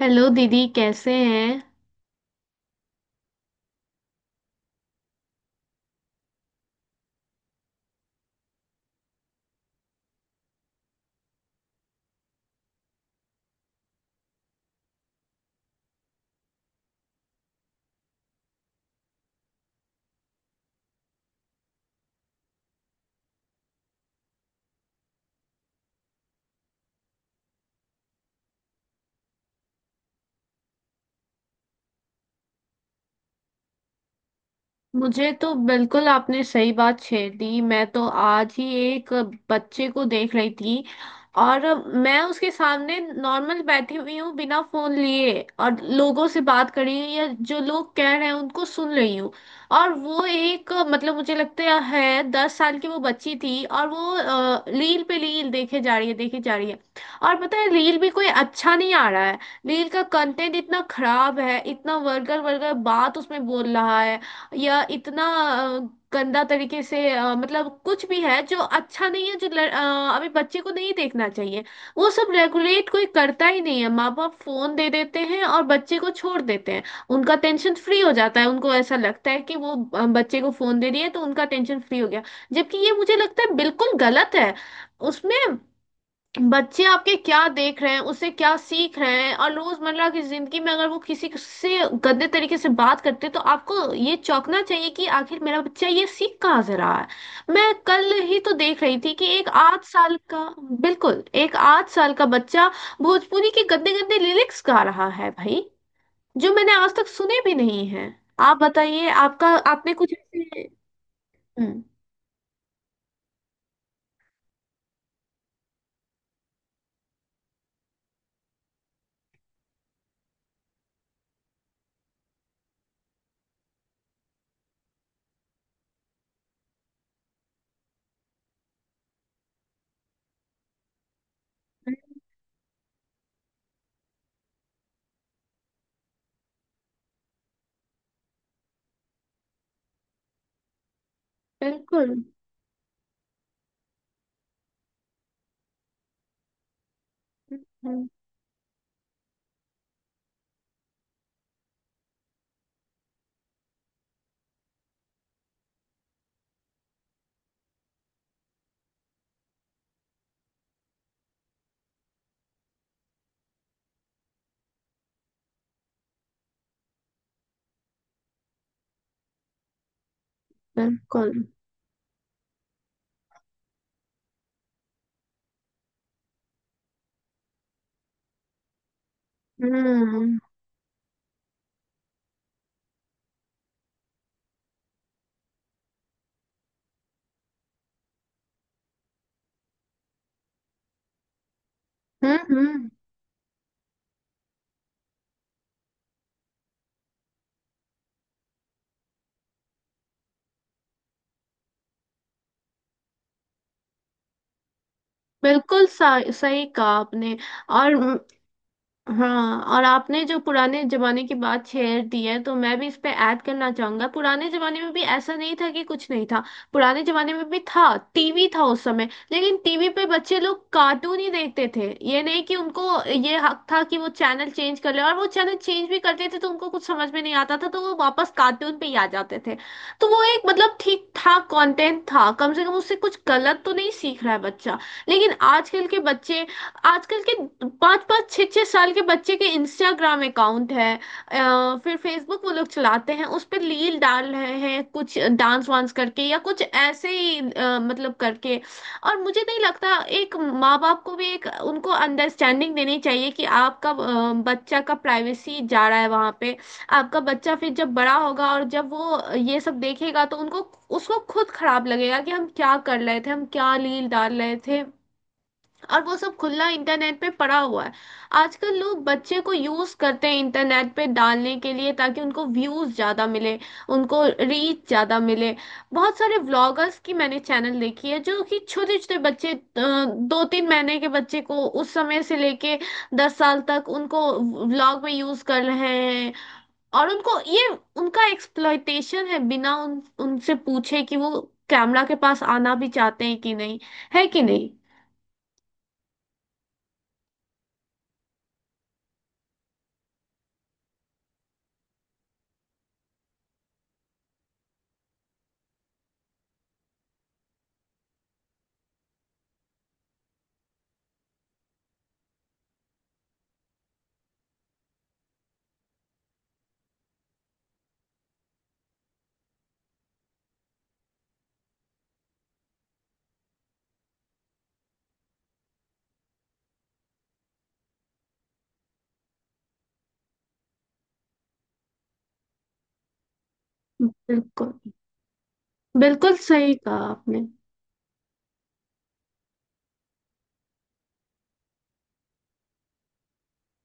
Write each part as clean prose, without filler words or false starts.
Hello दीदी, कैसे हैं? मुझे तो बिल्कुल आपने सही बात छेड़ दी। मैं तो आज ही एक बच्चे को देख रही थी और मैं उसके सामने नॉर्मल बैठी हुई हूँ, बिना फोन लिए, और लोगों से बात कर रही हूँ या जो लोग कह रहे हैं उनको सुन रही हूँ। और वो एक, मतलब, मुझे लगता है 10 साल की वो बच्ची थी, और वो रील पे रील देखे जा रही है, देखे जा रही है। और पता है, रील भी कोई अच्छा नहीं आ रहा है। रील का कंटेंट इतना खराब है, इतना वर्गर वर्गर बात उसमें बोल रहा है, या इतना गंदा तरीके से, मतलब, कुछ भी है जो अच्छा नहीं है, जो अभी बच्चे को नहीं देखना चाहिए। वो सब रेगुलेट कोई करता ही नहीं है। माँ बाप फोन दे देते हैं और बच्चे को छोड़ देते हैं। उनका टेंशन फ्री हो जाता है। उनको ऐसा लगता है कि वो बच्चे को फोन दे दिए तो उनका टेंशन फ्री हो गया, जबकि ये मुझे लगता है बिल्कुल गलत है। उसमें बच्चे आपके क्या देख रहे हैं, उससे क्या सीख रहे हैं, और रोजमर्रा की जिंदगी में अगर वो किसी से गंदे तरीके से बात करते हैं तो आपको ये चौंकना चाहिए कि आखिर मेरा बच्चा ये सीख कहाँ से रहा है। मैं कल ही तो देख रही थी कि एक 8 साल का, बिल्कुल, एक 8 साल का बच्चा भोजपुरी के गंदे गंदे लिरिक्स गा रहा है, भाई, जो मैंने आज तक सुने भी नहीं है। आप बताइए, आपका, आपने कुछ ऐसे। हम्म। बिल्कुल। हम्म। बिल्कुल। हम्म। हम्म। हम्म। बिल्कुल सही कहा आपने। और हाँ, और आपने जो पुराने जमाने की बात छेड़ दी है, तो मैं भी इस पे ऐड करना चाहूंगा। पुराने जमाने में भी ऐसा नहीं था कि कुछ नहीं था। पुराने जमाने में भी था, टीवी था उस समय, लेकिन टीवी पे बच्चे लोग कार्टून ही देखते थे। ये नहीं कि उनको ये हक था कि वो चैनल चेंज कर ले, और वो चैनल चेंज भी करते थे तो उनको कुछ समझ में नहीं आता था, तो वो वापस कार्टून पे ही आ जाते थे। तो वो एक, मतलब, ठीक ठाक कंटेंट था। कम से कम उससे कुछ गलत तो नहीं सीख रहा है बच्चा। लेकिन आजकल के बच्चे, आजकल के पाँच पाँच छः छः साल के बच्चे के इंस्टाग्राम अकाउंट है। फिर फेसबुक वो लोग चलाते हैं, उस पर रील डाल रहे हैं, कुछ डांस वांस करके या कुछ ऐसे ही, मतलब, करके। और मुझे नहीं लगता, एक माँ बाप को भी एक उनको अंडरस्टैंडिंग देनी चाहिए कि आपका बच्चा का प्राइवेसी जा रहा है वहाँ पे। आपका बच्चा फिर जब बड़ा होगा और जब वो ये सब देखेगा तो उनको, उसको खुद खराब लगेगा कि हम क्या कर रहे थे, हम क्या रील डाल रहे थे। और वो सब खुला इंटरनेट पे पड़ा हुआ है। आजकल लोग बच्चे को यूज करते हैं इंटरनेट पे डालने के लिए, ताकि उनको व्यूज ज्यादा मिले, उनको रीच ज्यादा मिले। बहुत सारे व्लॉगर्स की मैंने चैनल देखी है, जो कि छोटे छोटे बच्चे, 2 3 महीने के बच्चे को, उस समय से लेके 10 साल तक उनको व्लॉग में यूज कर रहे हैं। और उनको ये, उनका एक्सप्लॉयटेशन है, बिना उन उनसे पूछे कि वो कैमरा के पास आना भी चाहते हैं कि नहीं, है कि नहीं। बिल्कुल। बिल्कुल सही कहा आपने।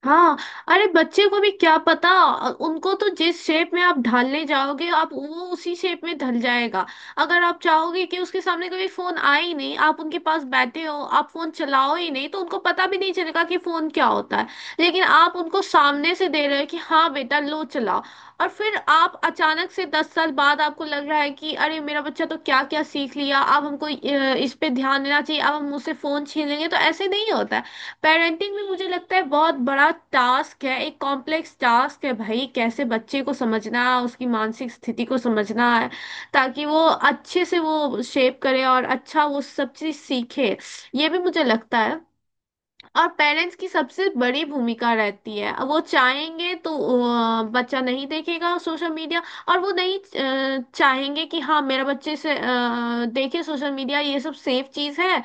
हाँ, अरे, बच्चे को भी क्या पता? उनको तो जिस शेप में आप ढालने जाओगे आप, वो उसी शेप में ढल जाएगा। अगर आप चाहोगे कि उसके सामने कभी फोन आए ही नहीं, आप उनके पास बैठे हो, आप फोन चलाओ ही नहीं, तो उनको पता भी नहीं चलेगा कि फोन क्या होता है। लेकिन आप उनको सामने से दे रहे हो कि हाँ बेटा लो चलाओ, और फिर आप अचानक से 10 साल बाद आपको लग रहा है कि अरे मेरा बच्चा तो क्या क्या सीख लिया, अब हमको, इस पे ध्यान देना चाहिए, अब हम मुझसे फोन छीन लेंगे, तो ऐसे नहीं होता है। पेरेंटिंग भी मुझे लगता है बहुत बड़ा टास्क है, एक कॉम्प्लेक्स टास्क है भाई, कैसे बच्चे को समझना, उसकी मानसिक स्थिति को समझना है, ताकि वो अच्छे से वो शेप करे और अच्छा वो सब चीज सीखे। ये भी मुझे लगता है। और पेरेंट्स की सबसे बड़ी भूमिका रहती है। वो चाहेंगे तो बच्चा नहीं देखेगा सोशल मीडिया, और वो नहीं चाहेंगे कि हाँ मेरा बच्चे से देखे सोशल मीडिया, ये सब सेफ चीज है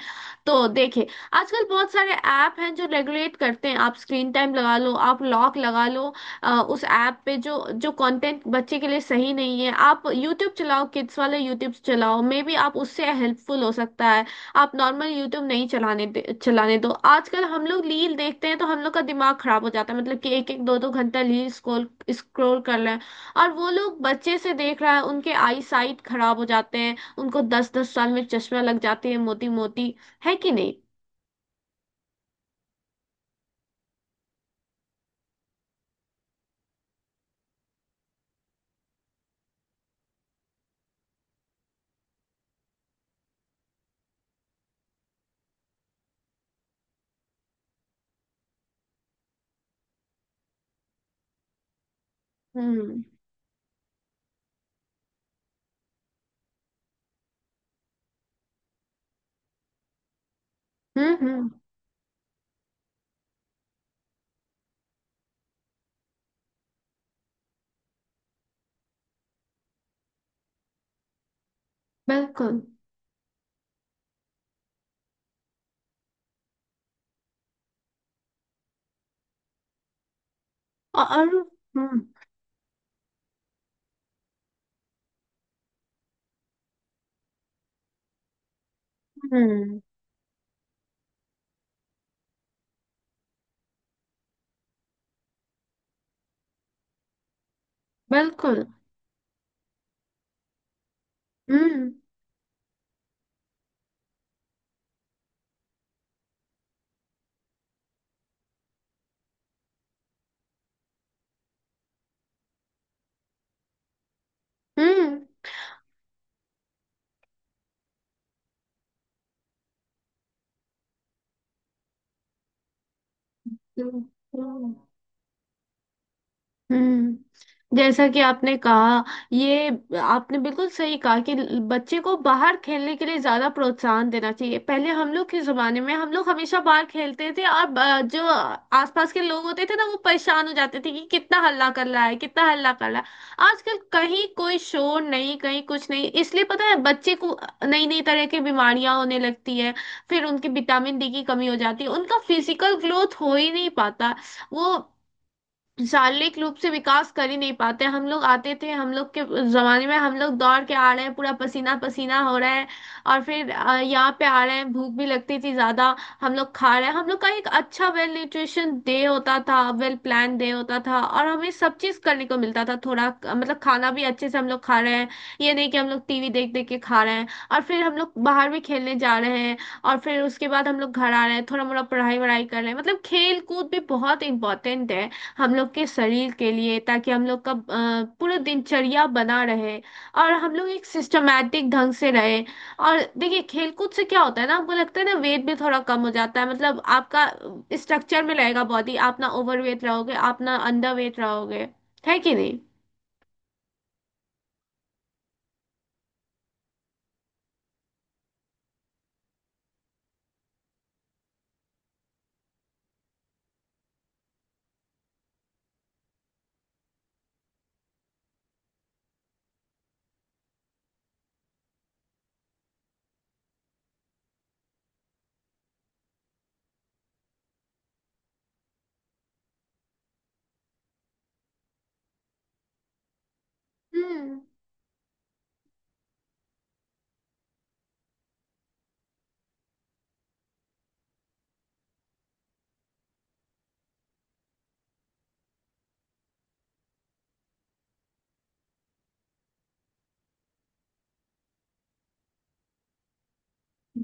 तो देखे। आजकल बहुत सारे ऐप हैं जो रेगुलेट करते हैं, आप स्क्रीन टाइम लगा लो, आप लॉक लगा लो उस ऐप पे, जो जो कंटेंट बच्चे के लिए सही नहीं है। आप यूट्यूब चलाओ, किड्स वाले यूट्यूब चलाओ, मे बी आप उससे हेल्पफुल हो सकता है। आप नॉर्मल यूट्यूब नहीं चलाने दे, चलाने दो। आजकल हम लोग रील देखते हैं तो हम लोग का दिमाग खराब हो जाता है, मतलब कि एक एक दो दो घंटा रील स्क्रॉल स्क्रॉल कर रहे हैं। और वो लोग, बच्चे से देख रहा है, उनके आई साइट खराब हो जाते हैं, उनको 10 10 साल में चश्मा लग जाती है, मोटी मोटी, है कि नहीं? हम्म। हम्म। हम्म। बिल्कुल। और और। हम्म। हम्म। बिल्कुल। हम्म। हम्म। हम्म। हम्म। हम्म। जैसा कि आपने कहा, ये, आपने बिल्कुल सही कहा कि बच्चे को बाहर खेलने के लिए ज्यादा प्रोत्साहन देना चाहिए। पहले हम लोग के जमाने में हम लोग हमेशा बाहर खेलते थे, और जो आसपास के लोग होते थे ना वो परेशान हो जाते थे कि कितना हल्ला कर रहा है, कितना हल्ला कर रहा है। आजकल कहीं कोई शोर नहीं, कहीं कुछ नहीं, इसलिए पता है बच्चे को नई नई तरह की बीमारियां होने लगती है। फिर उनकी विटामिन डी की कमी हो जाती है, उनका फिजिकल ग्रोथ हो ही नहीं पाता, वो शारीरिक रूप से विकास कर ही नहीं पाते। हम लोग आते थे, हम लोग के जमाने में हम लोग दौड़ के आ रहे हैं, पूरा पसीना पसीना हो रहा है, और फिर यहाँ पे आ रहे हैं, भूख भी लगती थी ज्यादा, हम लोग खा रहे हैं। हम लोग का एक अच्छा वेल न्यूट्रिशन डे होता था, वेल प्लान डे होता था, और हमें सब चीज करने को मिलता था थोड़ा, मतलब, खाना भी अच्छे से हम लोग खा रहे हैं। ये नहीं कि हम लोग टीवी देख देख के खा रहे हैं, और फिर हम लोग बाहर भी खेलने जा रहे हैं, और फिर उसके बाद हम लोग घर आ रहे हैं, थोड़ा मोड़ा पढ़ाई वढ़ाई कर रहे हैं। मतलब, खेल कूद भी बहुत इंपॉर्टेंट है हम लोग के शरीर के लिए, ताकि हम लोग का पूरा दिनचर्या बना रहे, और हम लोग एक सिस्टमैटिक ढंग से रहे। और देखिए, खेलकूद से क्या होता है ना, हमको लगता है ना वेट भी थोड़ा कम हो जाता है, मतलब आपका स्ट्रक्चर में रहेगा बॉडी, आप ना ओवरवेट रहोगे, आप ना अंडर वेट रहोगे, है कि नहीं? हम्म।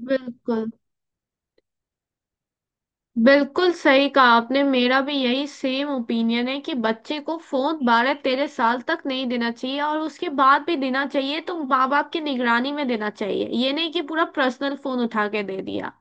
बिल्कुल। बिल्कुल सही कहा आपने। मेरा भी यही सेम ओपिनियन है कि बच्चे को फोन 12 13 साल तक नहीं देना चाहिए, और उसके बाद भी देना चाहिए तो माँ बाप की निगरानी में देना चाहिए, ये नहीं कि पूरा पर्सनल फोन उठा के दे दिया।